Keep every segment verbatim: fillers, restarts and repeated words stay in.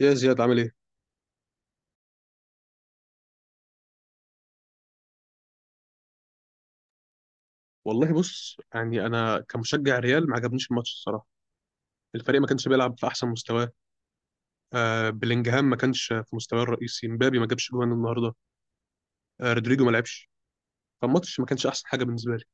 يا زياد عامل ايه؟ والله بص يعني انا كمشجع ريال ما عجبنيش الماتش الصراحه، الفريق ما كانش بيلعب في احسن مستواه، آه بلينجهام ما كانش في مستواه الرئيسي، مبابي ما جابش جوان النهارده، آه رودريجو ما لعبش، فالماتش ما كانش احسن حاجه بالنسبه لي.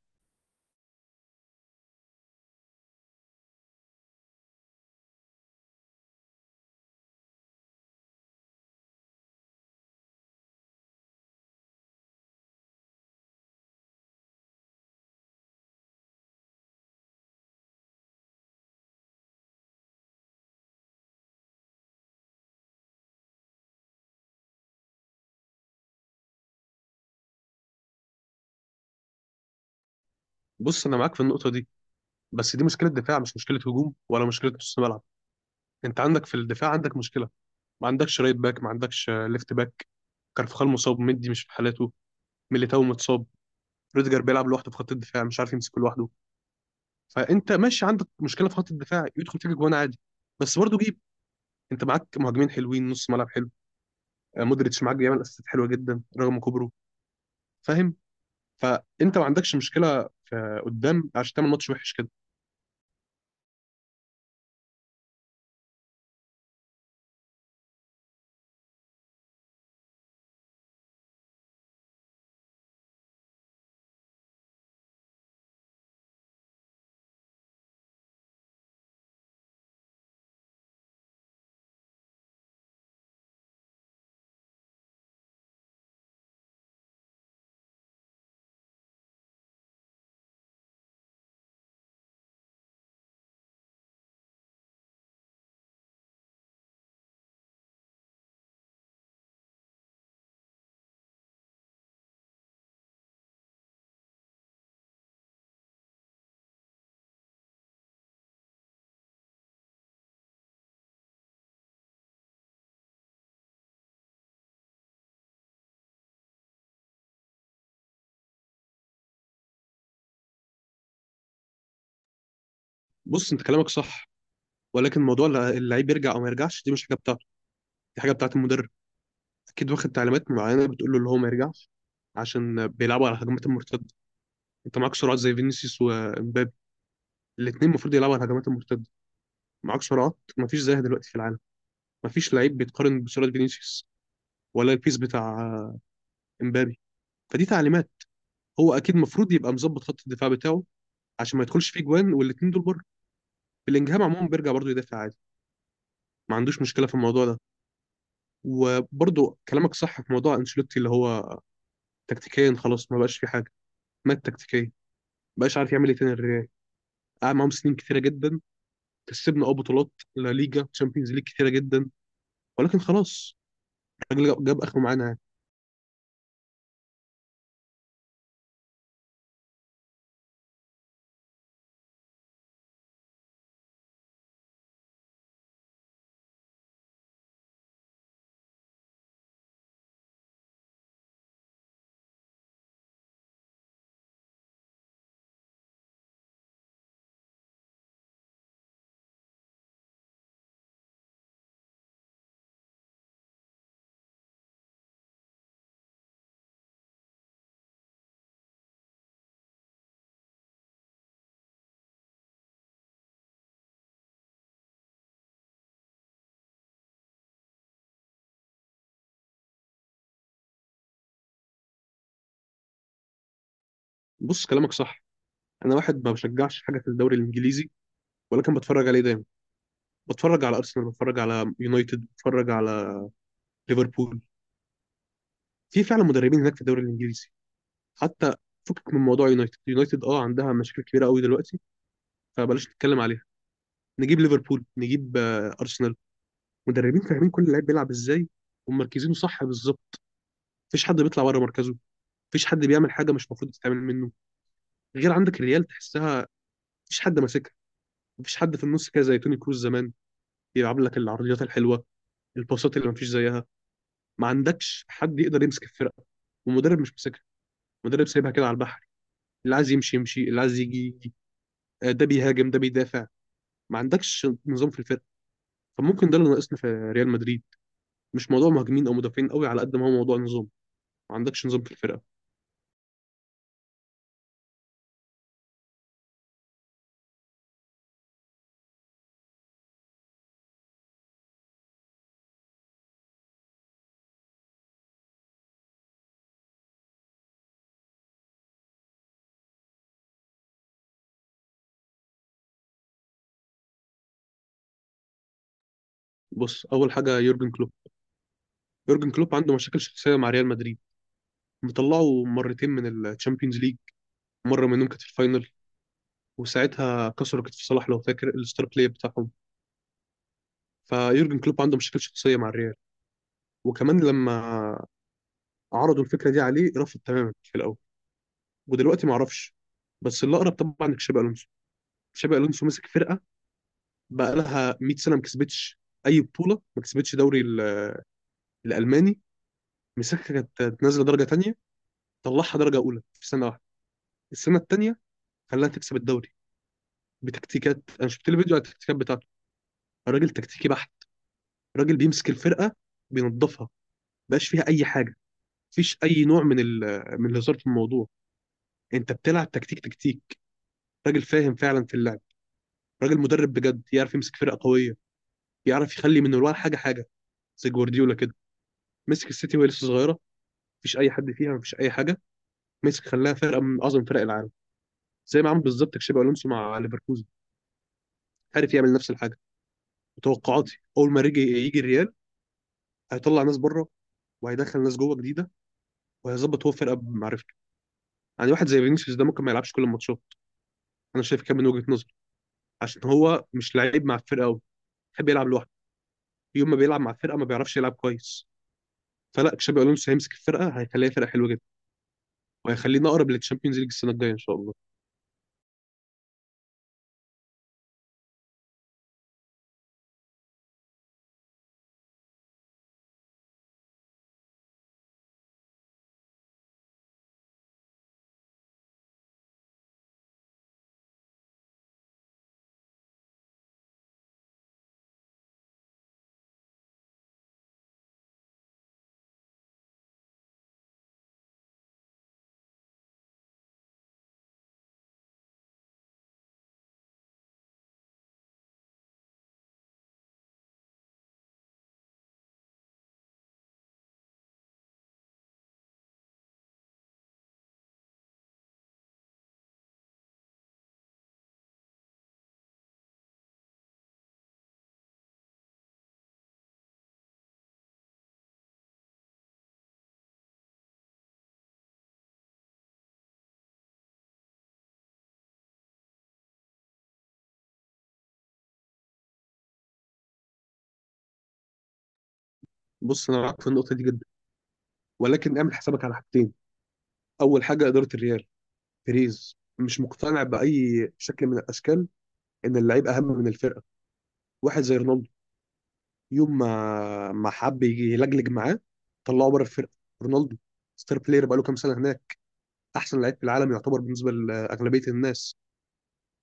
بص انا معاك في النقطه دي، بس دي مشكله دفاع مش مشكله هجوم ولا مشكله نص ملعب، انت عندك في الدفاع عندك مشكله، ما عندكش رايت باك، ما عندكش آه، ليفت باك، كارفخال مصاب، مندي مش في حالاته، ميليتاو متصاب، روديجر بيلعب لوحده في خط الدفاع مش عارف يمسك لوحده، فانت ماشي عندك مشكله في خط الدفاع يدخل فيك جوان عادي. بس برضه جيب، انت معاك مهاجمين حلوين نص ملعب حلو، آه، مودريتش معاك بيعمل اسيستات حلوه جدا رغم كبره. فاهم؟ فانت ما عندكش مشكله في قدام عشان تعمل ماتش وحش كده. بص انت كلامك صح، ولكن موضوع الل- اللعيب يرجع او ما يرجعش دي مش حاجه بتاعته، دي حاجه بتاعت المدرب. اكيد واخد تعليمات معينه بتقول له اللي هو ما يرجعش عشان بيلعبوا على الهجمات المرتده. انت معاك سرعات زي فينيسيوس ومبابي، الاثنين المفروض يلعبوا على الهجمات المرتده. معاك سرعات ما فيش زيها دلوقتي في العالم، مفيش لعيب بيتقارن بسرعه فينيسيوس ولا البيس بتاع امبابي. فدي تعليمات. هو اكيد المفروض يبقى مظبط خط الدفاع بتاعه عشان ما يدخلش فيه جوان والاثنين دول بره. بلينجهام عموما بيرجع برضه يدافع عادي، ما عندوش مشكله في الموضوع ده. وبرضه كلامك صح في موضوع انشيلوتي اللي هو تكتيكيا خلاص ما بقاش في حاجه. مات تكتيكيا، ما بقاش عارف يعمل ايه تاني الريال. قعد معاهم سنين كتيره جدا، كسبنا اه بطولات، لا ليجا تشامبيونز ليج كتيره جدا، ولكن خلاص، الراجل جاب اخره معانا يعني. بص كلامك صح، انا واحد ما بشجعش حاجه في الدوري الانجليزي ولا كان بتفرج عليه دايما. بتفرج على ارسنال، بتفرج على يونايتد، بتفرج على ليفربول. في فعلا مدربين هناك في الدوري الانجليزي حتى. فكك من موضوع يونايتد يونايتد اه عندها مشاكل كبيره قوي دلوقتي، فبلاش نتكلم عليها. نجيب ليفربول، نجيب آه، ارسنال، مدربين فاهمين كل لعيب بيلعب ازاي ومركزينه صح بالظبط. مفيش حد بيطلع بره مركزه، مفيش حد بيعمل حاجه مش المفروض تتعمل منه، غير عندك الريال تحسها مفيش حد ماسكها. مفيش حد في النص كده زي توني كروز زمان بيلعب لك العرضيات الحلوه، الباصات اللي مفيش زيها. ما عندكش حد يقدر يمسك الفرقه والمدرب مش ماسكها. المدرب سايبها كده على البحر، اللي عايز يمشي يمشي اللي عايز يجي يجي، آه، ده بيهاجم ده بيدافع. ما عندكش نظام في الفرقه. فممكن ده اللي ناقصنا في ريال مدريد. مش موضوع مهاجمين او مدافعين قوي على قد ما هو موضوع نظام. ما عندكش نظام في الفرقه. بص اول حاجه يورجن كلوب، يورجن كلوب عنده مشاكل شخصيه مع ريال مدريد. مطلعه مرتين من الشامبيونز ليج، مره منهم كانت في الفاينل وساعتها كسروا كتف صلاح لو فاكر الستار بلاي بتاعهم. فيورجن كلوب عنده مشاكل شخصيه مع الريال. وكمان لما عرضوا الفكره دي عليه رفض تماما في الاول، ودلوقتي ما اعرفش. بس اللي اقرب طبعا تشابي الونسو. تشابي الونسو مسك فرقه بقى لها مية سنه ما كسبتش اي بطوله، ما كسبتش دوري ال- الالماني. مسكها كانت نازله درجه تانيه، طلعها درجه اولى في سنه واحده. السنه التانيه خلاها تكسب الدوري بتكتيكات. انا شفت له فيديو على التكتيكات بتاعته، الراجل تكتيكي بحت. الراجل بيمسك الفرقه بينظفها، مبقاش فيها اي حاجه، مفيش اي نوع من ال... من الهزار في الموضوع. انت بتلعب تكتيك تكتيك. راجل فاهم فعلا في اللعب، راجل مدرب بجد يعرف يمسك فرقه قويه، يعرف يخلي من الورا حاجه حاجه، زي جوارديولا كده. مسك السيتي وهي لسه صغيره مفيش اي حد فيها مفيش اي حاجه، مسك خلاها فرقه من اعظم فرق العالم. زي ما عمل بالظبط تشابي الونسو مع ليفركوزن، عارف يعمل نفس الحاجه. وتوقعاتي اول ما يجي يجي الريال هيطلع ناس بره وهيدخل ناس جوه جديده وهيظبط هو فرقه بمعرفته. يعني واحد زي فينيسيوس ده ممكن ما يلعبش كل الماتشات، انا شايف كده من وجهه نظري، عشان هو مش لعيب مع الفرقه قوي، بيحب يلعب لوحده. يوم ما بيلعب مع الفرقه ما بيعرفش يلعب كويس. فلا تشابي الونسو هيمسك الفرقه هيخليها فرقه حلوه وهيخلينا اقرب للتشامبيونز ليج السنه الجايه ان شاء الله. بص انا معاك في النقطه دي جدا ولكن اعمل حسابك على حاجتين. اول حاجه اداره الريال، بيريز مش مقتنع باي شكل من الاشكال ان اللعيب اهم من الفرقه. واحد زي رونالدو، يوم ما ما حب يجي يلجلج معاه، طلعه بره الفرقه. رونالدو ستار بلاير بقاله كام سنه هناك، احسن لعيب في العالم يعتبر بالنسبه لاغلبيه الناس،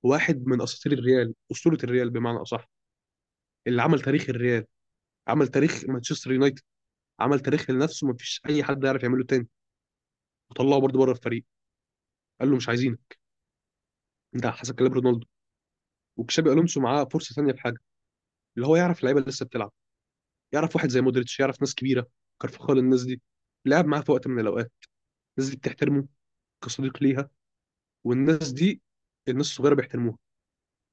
واحد من اساطير الريال اسطوره الريال بمعنى اصح، اللي عمل تاريخ الريال، عمل تاريخ مانشستر يونايتد، عمل تاريخ لنفسه مفيش اي حد يعرف يعمله تاني، وطلعه برضه بره الفريق، قال له مش عايزينك. انت حسب كلام رونالدو. وكشابي الونسو معاه فرصه ثانيه في حاجه، اللي هو يعرف اللعيبه اللي لسه بتلعب. يعرف واحد زي مودريتش، يعرف ناس كبيره كارفخال، الناس دي لعب معاه في وقت من الاوقات. الناس دي بتحترمه كصديق ليها. والناس دي الناس الصغيره بيحترموها.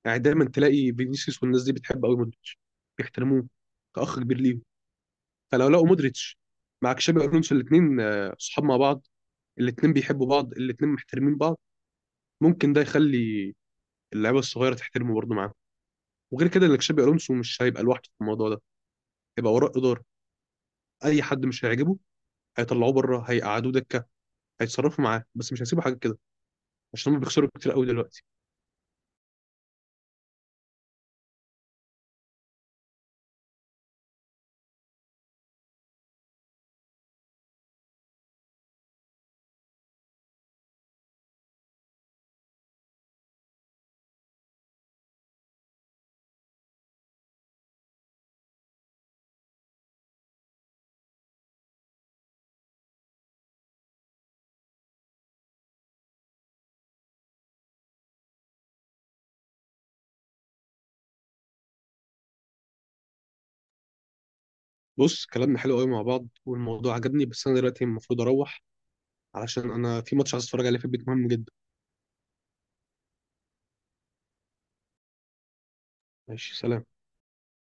يعني دايما تلاقي فينيسيوس والناس دي بتحب قوي مودريتش، بيحترموه كاخ كبير ليهم. فلو لقوا مودريتش مع كشابي الونسو الاثنين صحاب مع بعض، الاثنين بيحبوا بعض الاثنين محترمين بعض، ممكن ده يخلي اللعيبه الصغيره تحترمه برضه معاه. وغير كده اللي تشابي الونسو مش هيبقى لوحده في الموضوع ده، هيبقى وراه اداره. اي حد مش هيعجبه هيطلعوه بره، هيقعدوه دكه، هيتصرفوا معاه، بس مش هيسيبوا حاجه كده عشان هم بيخسروا كتير قوي دلوقتي. بص كلامنا حلو قوي مع بعض والموضوع عجبني، بس انا دلوقتي المفروض اروح علشان انا في ماتش عايز اتفرج عليه في البيت مهم جدا. ماشي سلام.